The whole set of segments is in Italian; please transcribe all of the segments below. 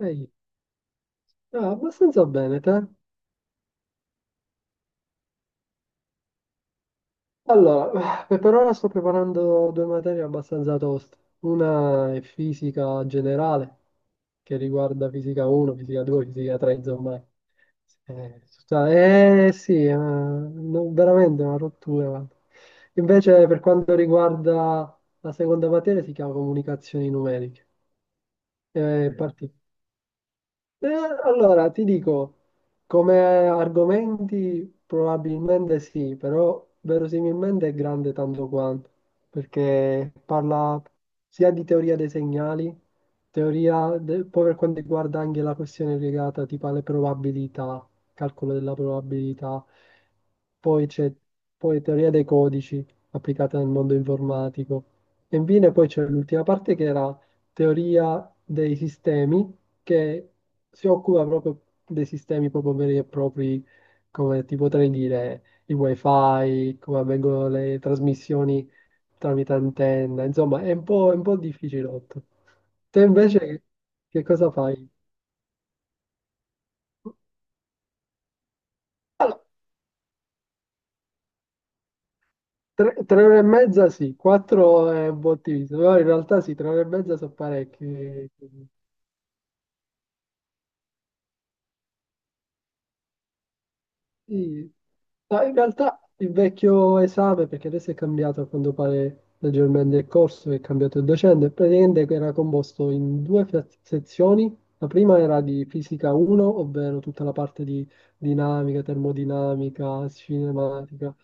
Ehi, abbastanza bene, te? Allora, per ora sto preparando due materie abbastanza toste. Una è fisica generale, che riguarda fisica 1, fisica 2, fisica 3, insomma. Sì, veramente una rottura, guarda. Invece, per quanto riguarda la seconda materia, si chiama comunicazioni numeriche. È mm. Eh, allora, ti dico, come argomenti probabilmente sì, però verosimilmente è grande tanto quanto, perché parla sia di teoria dei segnali, poi per quanto riguarda anche la questione legata tipo alle probabilità, calcolo della probabilità, poi c'è poi teoria dei codici applicata nel mondo informatico, e infine poi c'è l'ultima parte che era teoria dei sistemi che si occupa proprio dei sistemi proprio veri e propri, come ti potrei dire, i wifi, come avvengono le trasmissioni tramite antenna, insomma, è un po' difficilotto. Te invece che cosa fai? Tre ore e mezza sì, quattro è un po' ottimista, però in realtà sì, tre ore e mezza sono parecchie. Sì. Ma in realtà il vecchio esame, perché adesso è cambiato a quanto pare leggermente il corso, è cambiato il docente, praticamente era composto in due sezioni. La prima era di fisica 1, ovvero tutta la parte di dinamica, termodinamica, cinematica,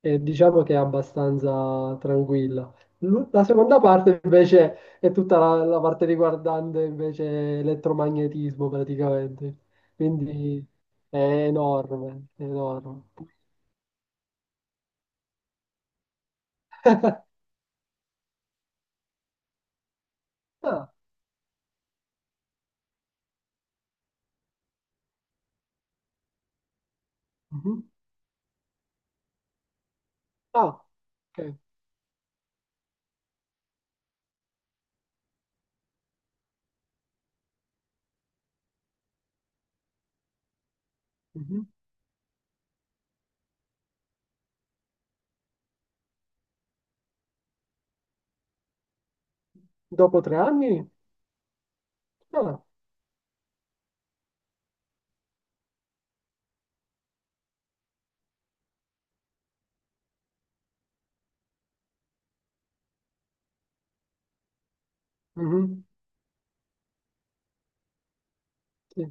e diciamo che è abbastanza tranquilla. La seconda parte invece è tutta la parte riguardante invece elettromagnetismo praticamente. Quindi è enorme, è enorme. Ah, mhm. Ah, ok. Mhm. Dopo tre anni? Ah, mhm, sì.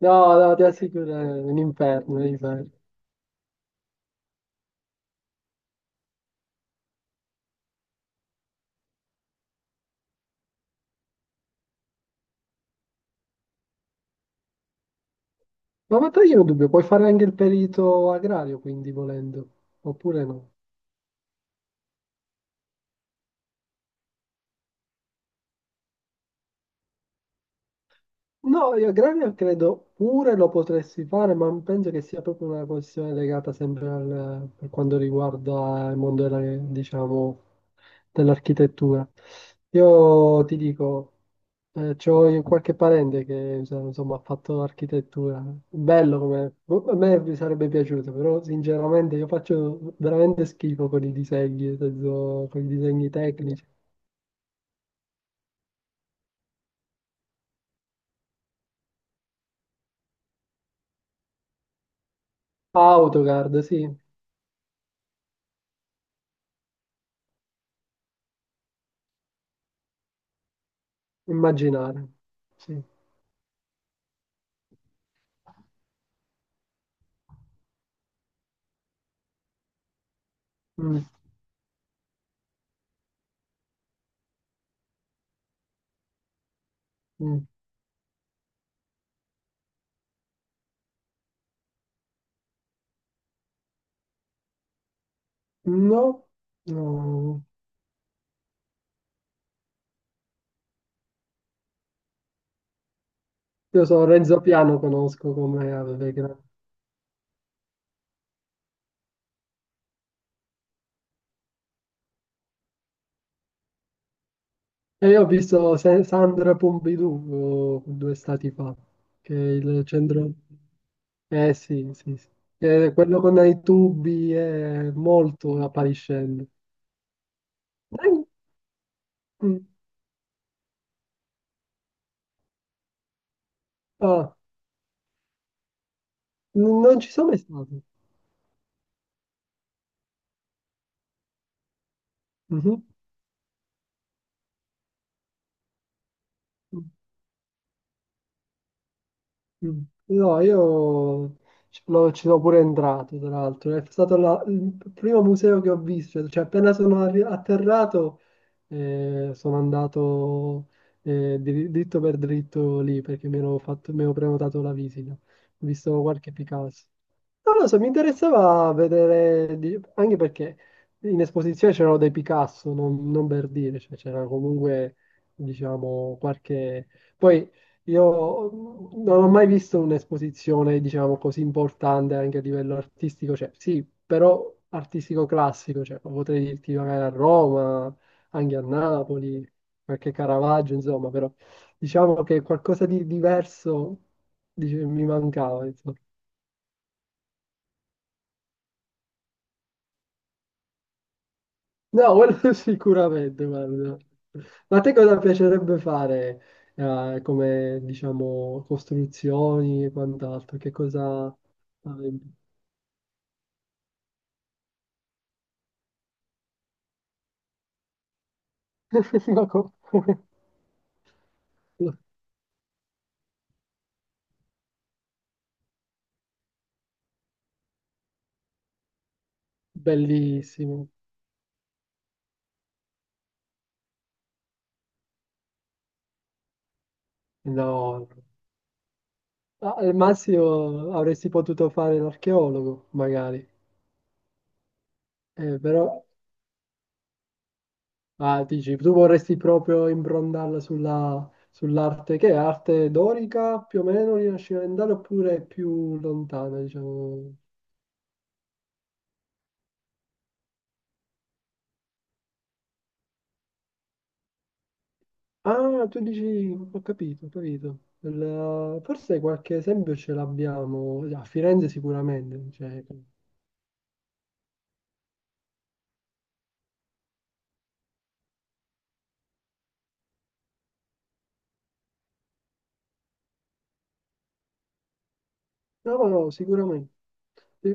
No, no, ti assicuro, è un inferno, un inferno. Ma io ho un dubbio, puoi fare anche il perito agrario, quindi volendo, oppure no? No, io aggravio credo pure lo potresti fare, ma penso che sia proprio una questione legata sempre al, per quanto riguarda il mondo della, diciamo, dell'architettura. Io ti dico, c'ho io qualche parente che insomma, ha fatto architettura. Bello come... boh, a me mi sarebbe piaciuto, però sinceramente io faccio veramente schifo con i disegni, nel senso, con i disegni tecnici. AutoCAD, sì, immaginare. Sì. Mm, mm. No, no. Io so Renzo Piano conosco come aveva e io ho visto Sandra Pompidou due stati fa, che è il centro... Eh sì, sì, sì. Che è quello con i tubi è molto appariscente. Dai. Mm. Ah, non ci sono mai stato. Mhm. Mm. No, io ci sono pure entrato, tra l'altro. È stato il primo museo che ho visto, cioè appena sono atterrato sono andato dritto per dritto lì perché mi ero prenotato la visita. Ho visto qualche Picasso. Non lo so, mi interessava vedere, anche perché in esposizione c'erano dei Picasso, non per dire, cioè c'era comunque, diciamo, qualche... Poi io non ho mai visto un'esposizione, diciamo, così importante anche a livello artistico, cioè sì, però artistico classico, cioè potrei dirti magari a Roma, anche a Napoli, qualche Caravaggio, insomma, però diciamo che qualcosa di diverso dice, mi mancava, insomma. No, quello sicuramente, guarda. Ma a te cosa piacerebbe fare, come, diciamo, costruzioni e quant'altro? Che cosa... Ma come? Bellissimo. No, al massimo avresti potuto fare l'archeologo, magari. Eh, però, dici, tu vorresti proprio imbrondarla sull'arte, che è arte dorica, più o meno rinascimentale, oppure più lontana, diciamo. Ah, tu dici, ho capito, ho capito. Forse qualche esempio ce l'abbiamo, a Firenze sicuramente, cioè, no, no, sicuramente. Sì.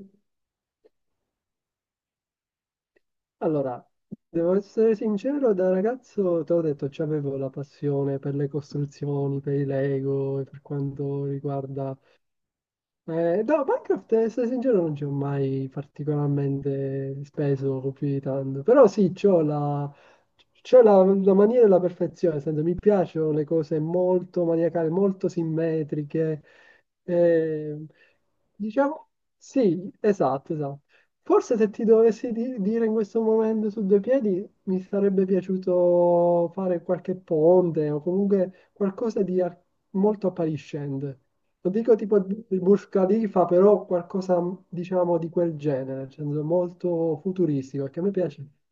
Allora, devo essere sincero, da ragazzo, ti ho detto, c'avevo la passione per le costruzioni, per i Lego e per quanto riguarda. No, Minecraft, essere sincero, non ci ho mai particolarmente speso più di tanto. Però sì, c'ho la, la mania della perfezione, nel senso, mi piacciono le cose molto maniacali, molto simmetriche. Eh, diciamo, sì, esatto, esatto. Forse se ti dovessi dire in questo momento su due piedi, mi sarebbe piaciuto fare qualche ponte o comunque qualcosa di molto appariscente. Non dico tipo di Burj Khalifa, però qualcosa, diciamo, di quel genere, nel senso molto futuristico, che a me piace.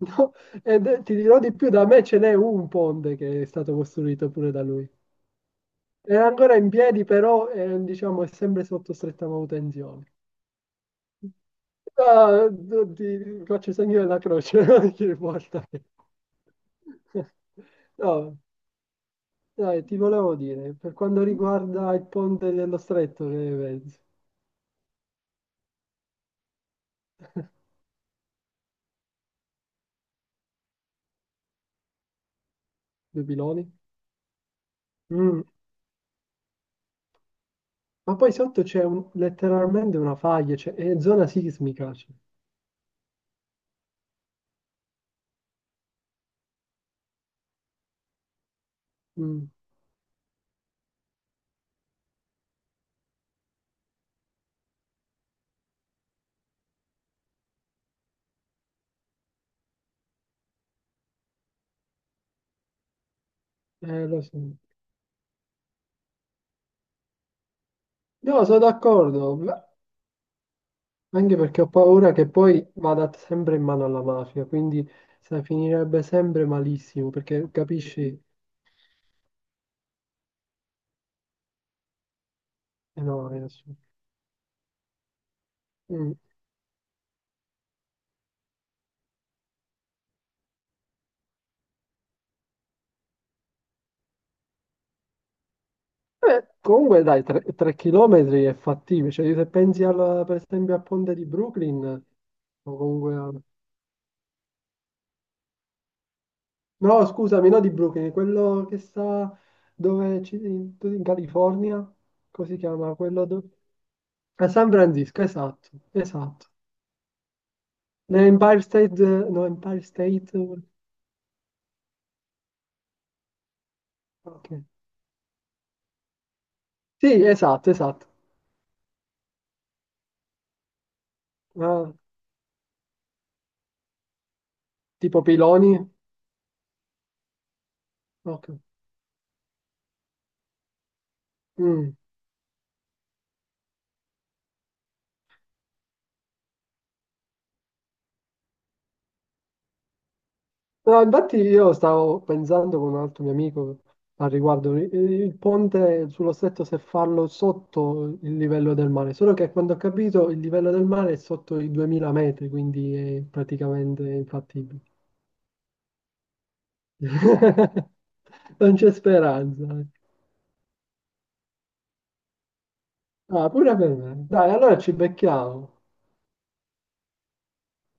No, e ti dirò di più, da me ce n'è un ponte che è stato costruito pure da lui. È ancora in piedi, però è, diciamo, è sempre sotto stretta manutenzione. Ah, ti faccio il segno della croce ogni volta No, dai, ti volevo dire, per quanto riguarda il ponte dello stretto, che pensi? Due piloni? Mm. Ma poi sotto c'è letteralmente una faglia, cioè, è zona sismica, cioè. Mm. Lo so. No, sono d'accordo, ma anche perché ho paura che poi vada sempre in mano alla mafia, quindi sai, finirebbe sempre malissimo, perché capisci? No, è assurdo. Mm. Comunque dai, 3 chilometri è fattibile, cioè se pensi per esempio a Ponte di Brooklyn, o comunque a no, scusami, no di Brooklyn, quello che sta dove in, in California, così si chiama, a San Francisco, esatto, esatto. L'Empire State, no, Empire State, ok. Sì, esatto, esatto. Ah, tipo piloni, ok. Mm. No, infatti io stavo pensando con un altro mio amico al riguardo, il ponte sullo stretto se farlo sotto il livello del mare, solo che quando ho capito il livello del mare è sotto i 2000 metri, quindi è praticamente infattibile. Non c'è speranza. Ah, pure per me. Dai, allora ci becchiamo.